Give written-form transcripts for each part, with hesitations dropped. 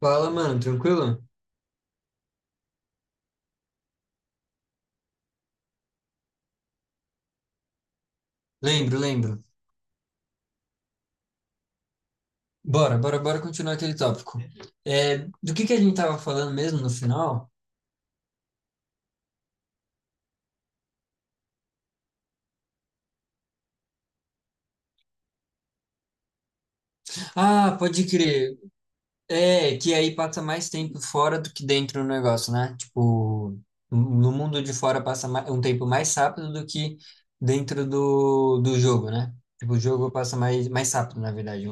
Fala, mano, tranquilo? Lembro, lembro. Bora, bora, bora continuar aquele tópico. É, do que a gente tava falando mesmo no final? Ah, pode crer. É, que aí passa mais tempo fora do que dentro do negócio, né? Tipo, no mundo de fora passa um tempo mais rápido do que dentro do jogo, né? Tipo, o jogo passa mais rápido, na verdade.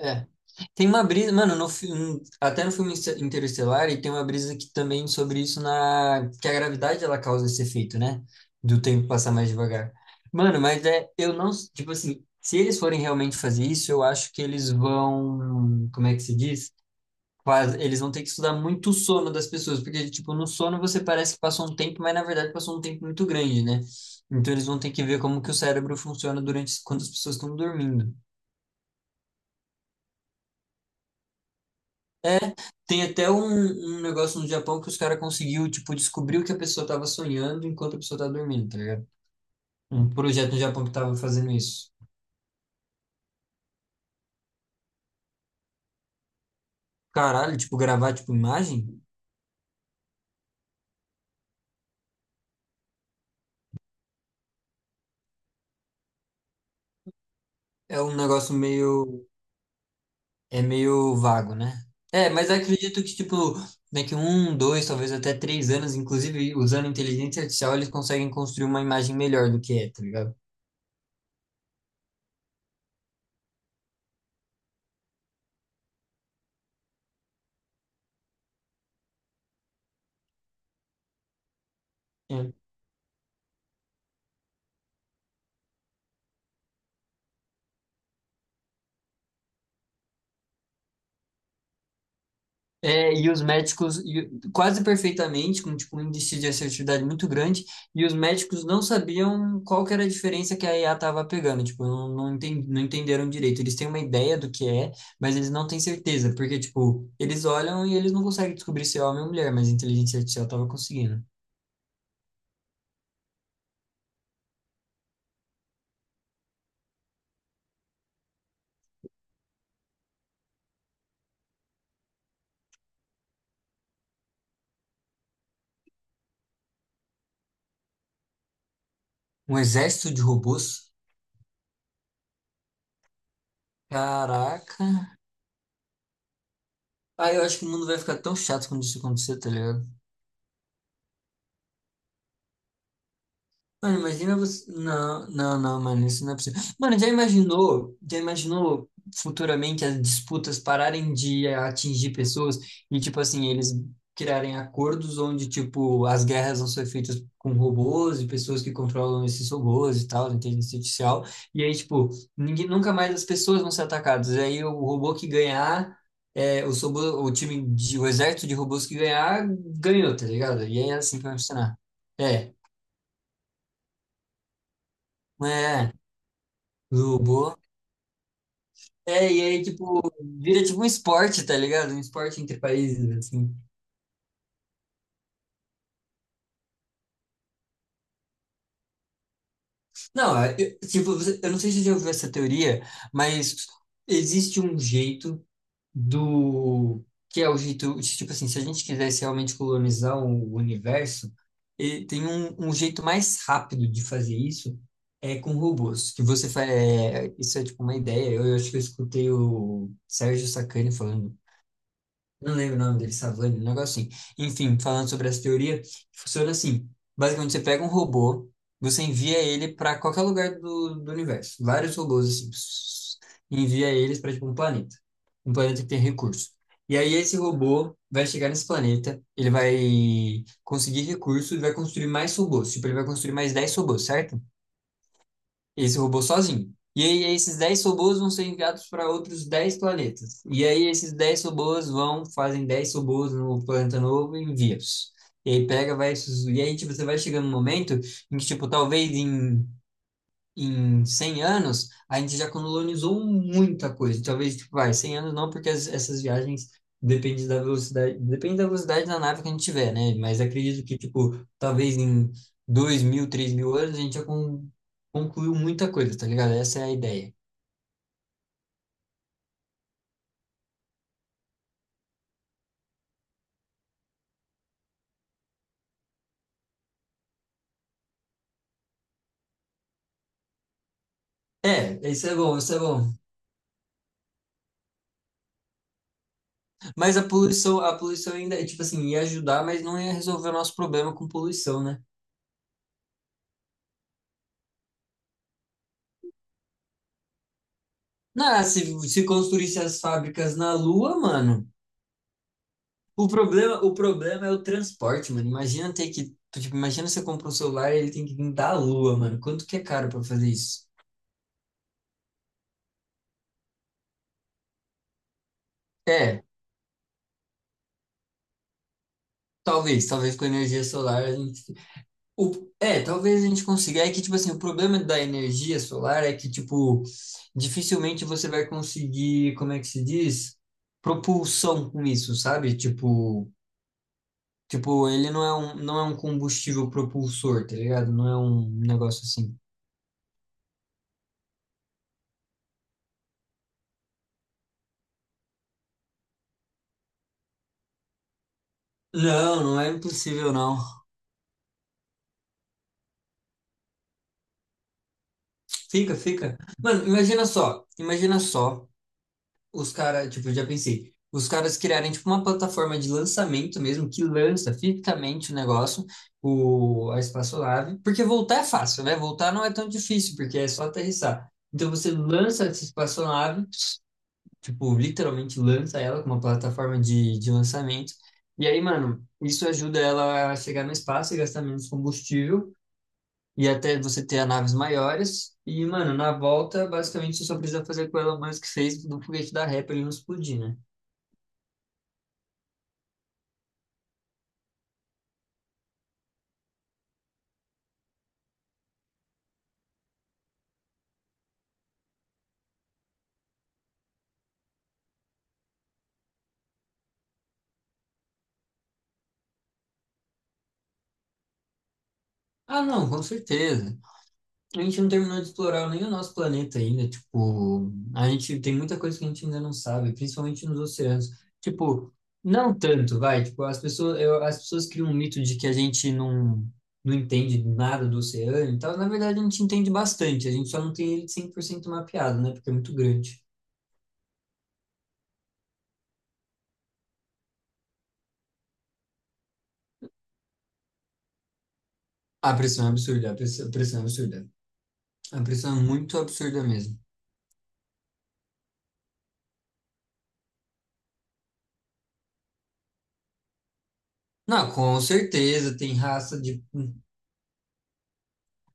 É. Tem uma brisa, mano, no filme, até no filme Interestelar, e tem uma brisa que também sobre isso na que a gravidade ela causa esse efeito, né? Do tempo passar mais devagar. Mano, mas é, eu não, tipo assim, se eles forem realmente fazer isso, eu acho que eles vão, como é que se diz? Eles vão ter que estudar muito o sono das pessoas, porque, tipo, no sono você parece que passou um tempo, mas na verdade passou um tempo muito grande, né? Então eles vão ter que ver como que o cérebro funciona durante quando as pessoas estão dormindo. É, tem até um negócio no Japão que os caras conseguiu, tipo, descobrir o que a pessoa tava sonhando enquanto a pessoa tava dormindo, tá ligado? Um projeto no Japão que tava fazendo isso. Caralho, tipo, gravar, tipo, imagem é um negócio meio, é meio vago, né? É, mas eu acredito que, tipo, daqui um, dois, talvez até 3 anos, inclusive usando inteligência artificial, eles conseguem construir uma imagem melhor do que é, tá ligado? É, e os médicos, quase perfeitamente, com tipo, um índice de assertividade muito grande, e os médicos não sabiam qual que era a diferença que a IA estava pegando, tipo, não entenderam direito. Eles têm uma ideia do que é, mas eles não têm certeza, porque, tipo, eles olham e eles não conseguem descobrir se é homem ou mulher, mas a inteligência artificial estava conseguindo. Um exército de robôs? Caraca. Ah, eu acho que o mundo vai ficar tão chato quando isso acontecer, tá ligado? Mano, imagina você. Não, não, não, mano, isso não é possível. Mano, já imaginou futuramente as disputas pararem de atingir pessoas e, tipo assim, eles criarem acordos onde, tipo, as guerras vão ser feitas com robôs e pessoas que controlam esses robôs e tal, inteligência artificial. E aí, tipo, ninguém, nunca mais as pessoas vão ser atacadas. E aí o robô que ganhar. É, os robô, o time de, o exército de robôs que ganhar ganhou, tá ligado? E aí é assim que vai funcionar. É, é. É. Do bolo. É, e aí, tipo, vira tipo um esporte, tá ligado? Um esporte entre países, assim. Não, é, eu, tipo, eu não sei se você já ouviu essa teoria, mas existe um jeito do... Que é o jeito, tipo assim, se a gente quisesse realmente colonizar o universo, e tem um jeito mais rápido de fazer isso, é com robôs. Que você faz... É, isso é, tipo, uma ideia. Eu acho que eu escutei o Sérgio Sacani falando. Não lembro o nome dele, Savani, um negócio assim. Enfim, falando sobre essa teoria, funciona assim. Basicamente, você pega um robô, você envia ele para qualquer lugar do universo. Vários robôs, assim, pss, envia eles para, tipo, um planeta. Um planeta que tem recurso. E aí, esse robô vai chegar nesse planeta, ele vai conseguir recursos e vai construir mais robôs. Tipo, ele vai construir mais 10 robôs, certo? Esse robô sozinho. E aí esses 10 robôs vão ser enviados para outros 10 planetas. E aí esses 10 robôs vão, fazem 10 robôs no planeta novo e envia-os. E aí pega, vai... E aí, tipo, você vai chegando num momento em que, tipo, talvez em 100 anos, a gente já colonizou muita coisa. Talvez, tipo, vai, 100 anos não, porque essas viagens depende da velocidade da nave que a gente tiver, né? Mas acredito que, tipo, talvez em 2.000, 3.000 anos, a gente já concluiu muita coisa, tá ligado? Essa é a ideia. É, isso é bom, isso é bom. Mas a poluição ainda, é, tipo assim, ia ajudar, mas não ia resolver o nosso problema com poluição, né? Não, se construísse as fábricas na Lua, mano. O problema é o transporte, mano. Imagina ter que. Tipo, imagina você compra um celular e ele tem que vir da lua, mano. Quanto que é caro pra fazer isso? É, talvez, talvez com energia solar a gente. O, é, talvez a gente consiga. É que, tipo assim, o problema da energia solar é que, tipo, dificilmente você vai conseguir, como é que se diz? Propulsão com isso, sabe? Tipo, ele não é um combustível propulsor, tá ligado? Não é um negócio assim. Não, não é impossível, não. Fica, fica. Mano, imagina só os caras, tipo, eu já pensei, os caras criarem, tipo, uma plataforma de lançamento mesmo, que lança fisicamente o negócio, a espaçolave, porque voltar é fácil, né? Voltar não é tão difícil, porque é só aterrissar. Então você lança essa espaçolave, tipo, literalmente lança ela com uma plataforma de lançamento, e aí, mano, isso ajuda ela a chegar no espaço e gastar menos combustível, e até você ter as naves maiores. E, mano, na volta, basicamente, você só precisa fazer o que o Elon Musk fez do foguete da ré pra ele não explodir, né? Ah, não, com certeza. A gente não terminou de explorar nem o nosso planeta ainda. Tipo, a gente tem muita coisa que a gente ainda não sabe, principalmente nos oceanos. Tipo, não tanto, vai. Tipo, as pessoas, as pessoas criam um mito de que a gente não entende nada do oceano e tal. Na verdade, a gente entende bastante. A gente só não tem ele 100% mapeado, né? Porque é muito grande. A pressão é absurda, a pressão é absurda. A pressão é muito absurda mesmo. Não, com certeza, tem raça de.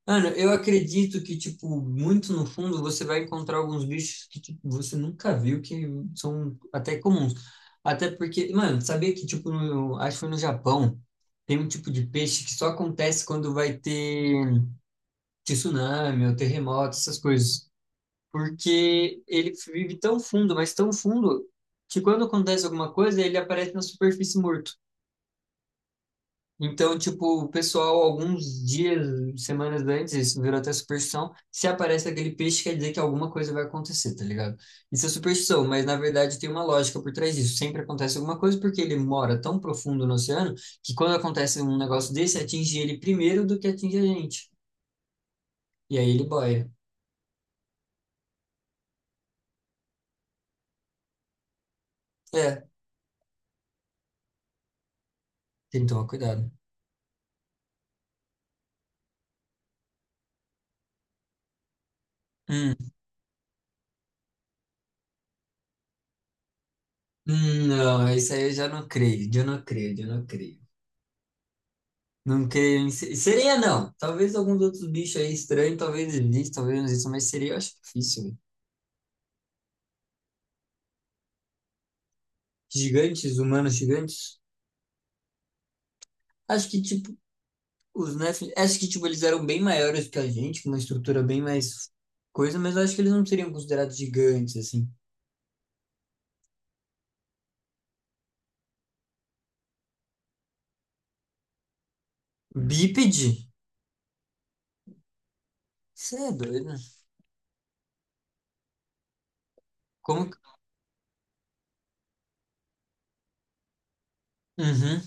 Mano, eu acredito que, tipo, muito no fundo você vai encontrar alguns bichos que tipo, você nunca viu, que são até comuns. Até porque, mano, sabia que, tipo, no, acho que foi no Japão, tem um tipo de peixe que só acontece quando vai ter tsunami ou terremoto, essas coisas. Porque ele vive tão fundo, mas tão fundo, que quando acontece alguma coisa, ele aparece na superfície morto. Então, tipo, o pessoal, alguns dias, semanas antes, isso virou até superstição, se aparece aquele peixe, quer dizer que alguma coisa vai acontecer, tá ligado? Isso é superstição, mas na verdade tem uma lógica por trás disso. Sempre acontece alguma coisa porque ele mora tão profundo no oceano que quando acontece um negócio desse, atinge ele primeiro do que atinge a gente. E aí ele boia. É, tem que tomar cuidado. Hum. Não, isso aí eu já não creio, eu não creio, eu não creio. Não creio em sereia, não. Talvez alguns outros bichos aí estranhos, talvez existam, talvez não existam, mas sereia eu acho difícil, velho. Gigantes, humanos gigantes, acho que, tipo, os Nephilim, acho que, tipo, eles eram bem maiores que a gente, com uma estrutura bem mais coisa, mas eu acho que eles não seriam considerados gigantes, assim. Bípede? Você é doido? Né? Como? Uhum.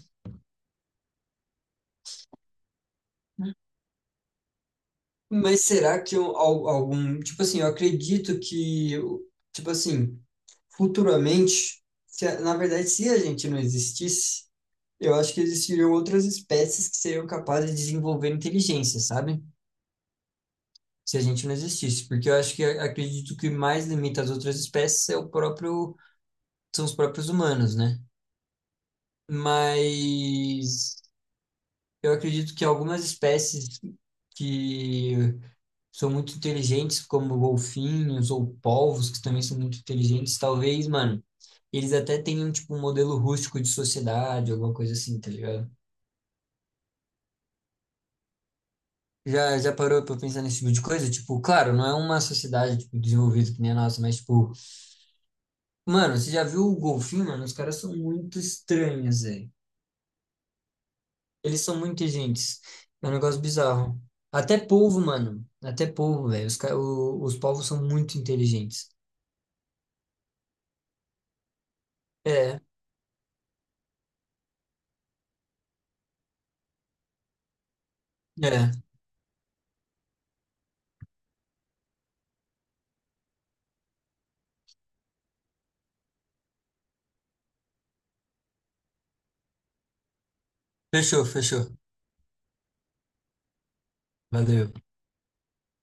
Mas será que algum, tipo assim, eu acredito que, tipo assim, futuramente, se a- na verdade, se a gente não existisse, eu acho que existiriam outras espécies que seriam capazes de desenvolver inteligência, sabe? Se a gente não existisse, porque eu acho que acredito que o mais limita as outras espécies é o próprio, são os próprios humanos, né? Mas eu acredito que algumas espécies que são muito inteligentes, como golfinhos ou polvos, que também são muito inteligentes, talvez, mano, eles até tenham, tipo, um modelo rústico de sociedade, alguma coisa assim, tá ligado? Já parou pra pensar nesse tipo de coisa? Tipo, claro, não é uma sociedade, tipo, desenvolvida que nem a nossa, mas, tipo, mano, você já viu o golfinho, mano? Os caras são muito estranhos, velho. Eles são muito inteligentes. É um negócio bizarro. Até polvo, mano. Até polvo, velho. Os polvos são muito inteligentes. É, é. Fechou, fechou. Valeu.